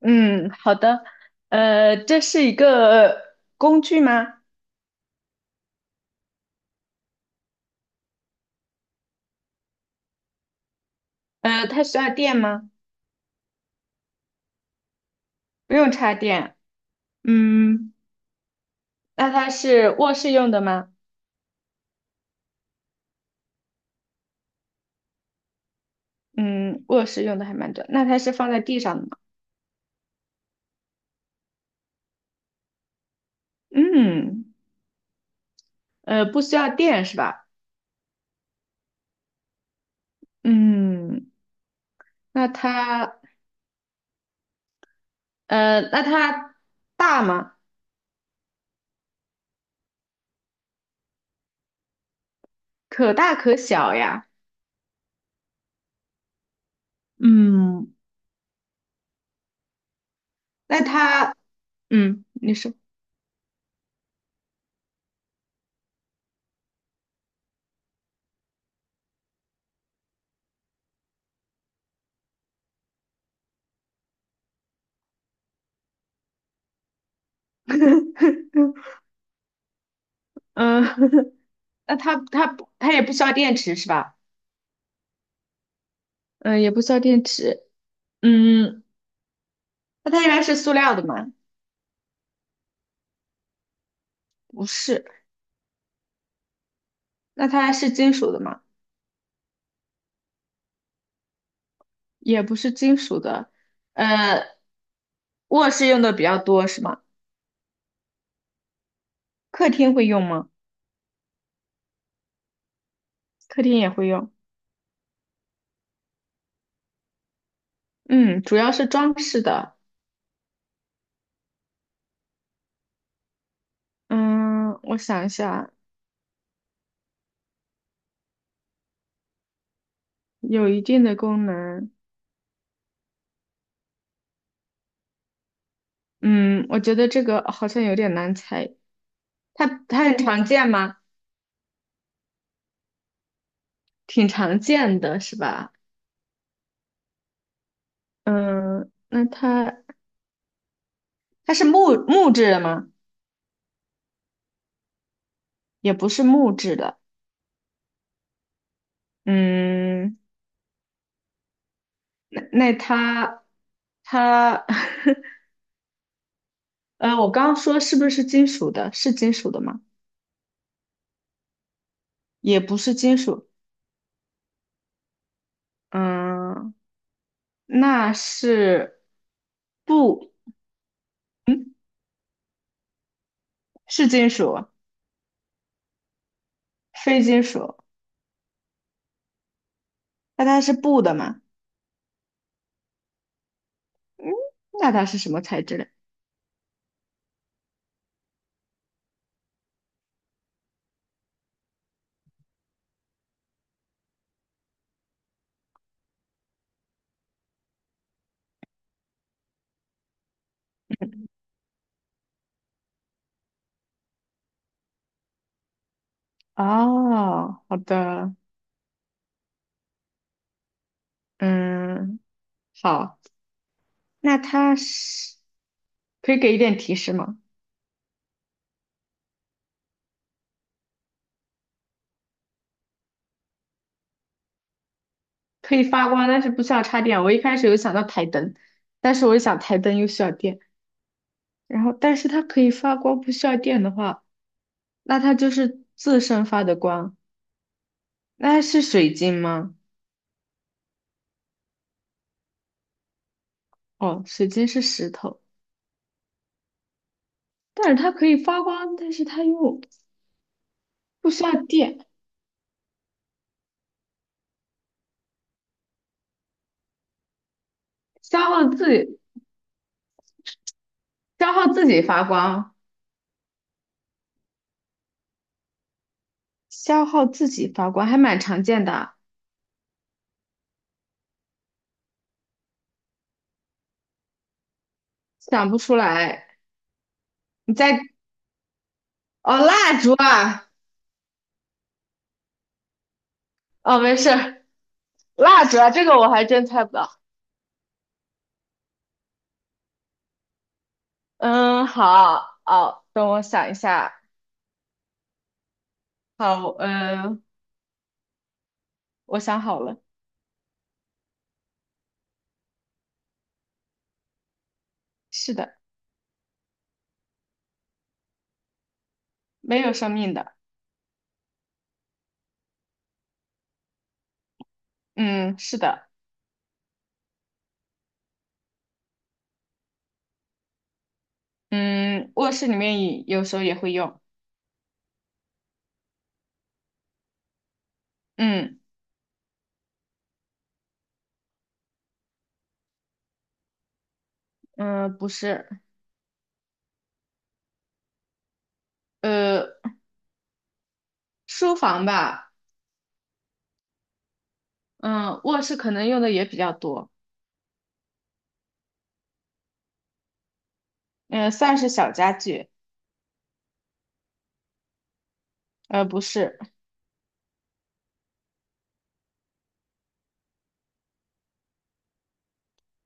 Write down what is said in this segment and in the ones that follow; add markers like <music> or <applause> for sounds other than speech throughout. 嗯，好的。这是一个工具吗？它需要电吗？不用插电。嗯，那它是卧室用的吗？嗯，卧室用的还蛮多。那它是放在地上的吗？嗯，不需要电是吧？嗯，那它，那它大吗？可大可小呀。嗯，那它，嗯，你说，<laughs> 嗯，<laughs> 那它也不需要电池是吧？嗯、也不需要电池。嗯，那它应该是塑料的吗？不是。那它是金属的吗？也不是金属的。呃，卧室用的比较多是吗？客厅会用吗？客厅也会用。嗯，主要是装饰的。嗯，我想一下，有一定的功能。嗯，我觉得这个好像有点难猜。它很常见吗？挺常见的是吧？嗯，那它它是木质的吗？也不是木质的。嗯，那它它 <laughs> 呃，我刚刚说是不是金属的？是金属的吗？也不是金属。嗯，那是布，是金属，非金属。那它是布的吗？嗯，那它是什么材质的？哦，好的，嗯，好，那它是可以给一点提示吗？可以发光，但是不需要插电。我一开始有想到台灯，但是我一想台灯又需要电，然后但是它可以发光，不需要电的话，那它就是自身发的光。那是水晶吗？哦，水晶是石头，但是它可以发光，但是它又不需要电，消耗自己，消耗自己发光，消耗自己发光还蛮常见的啊想不出来。你在，哦，蜡烛啊，哦，没事儿蜡烛啊，这个我还真猜不到。嗯，好，哦，等我想一下。好，我想好了，是的，没有生命的。嗯，是的，嗯，卧室里面也有时候也会用。嗯嗯，不是，呃，书房吧，嗯，卧室可能用的也比较多。嗯，算是小家具。呃，不是，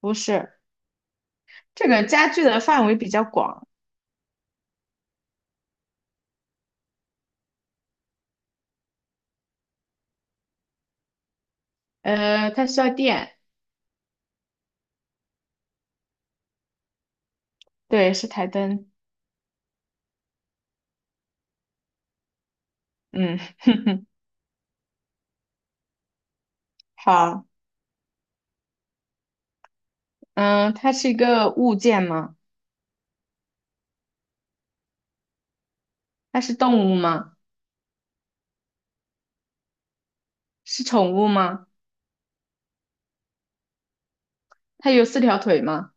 不是，这个家具的范围比较广。它需要电，对，是台灯。嗯，<laughs> 好，嗯，它是一个物件吗？它是动物吗？是宠物吗？它有四条腿吗？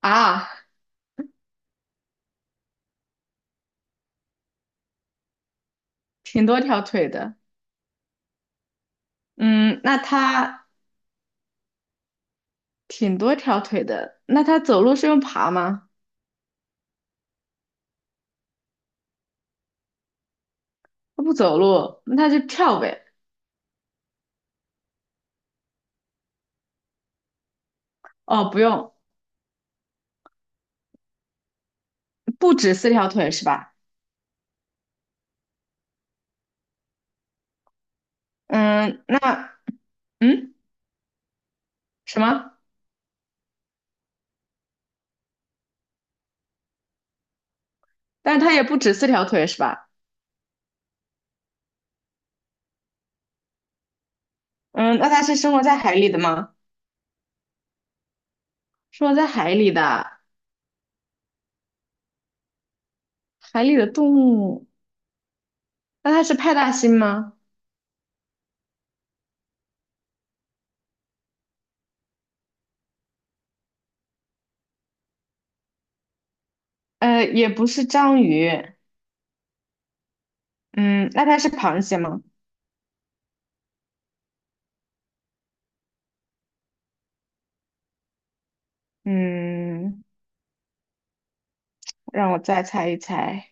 啊，挺多条腿的。嗯，那它挺多条腿的。那它走路是用爬吗？它不走路，那它就跳呗。哦，不用，不止四条腿是吧？嗯，那嗯什么？但它也不止四条腿是吧？嗯，那它是生活在海里的吗？生活在海里的，海里的动物，那它是派大星吗？也不是章鱼。嗯，那它是螃蟹吗？嗯，让我再猜一猜，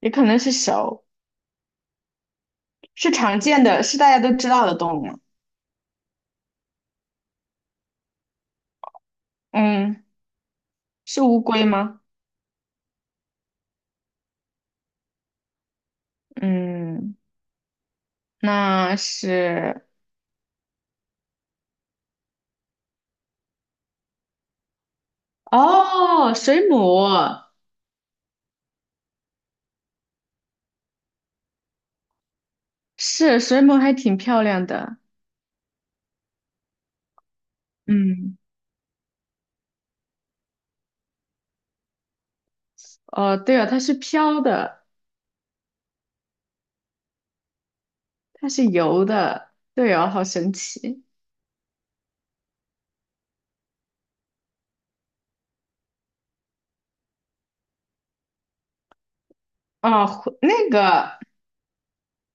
也可能是手，是常见的，是大家都知道的动物吗嗯，是乌龟吗？嗯，那是，哦，水母，是水母还挺漂亮的。嗯，哦，对哦，它是飘的，它是游的，对哦，好神奇。哦，回那个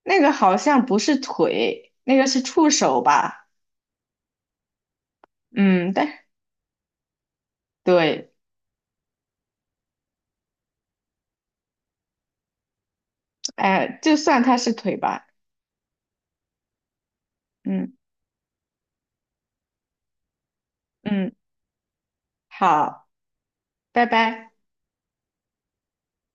那个好像不是腿，那个是触手吧？嗯，但对，哎，就算它是腿吧。嗯嗯，好，拜拜。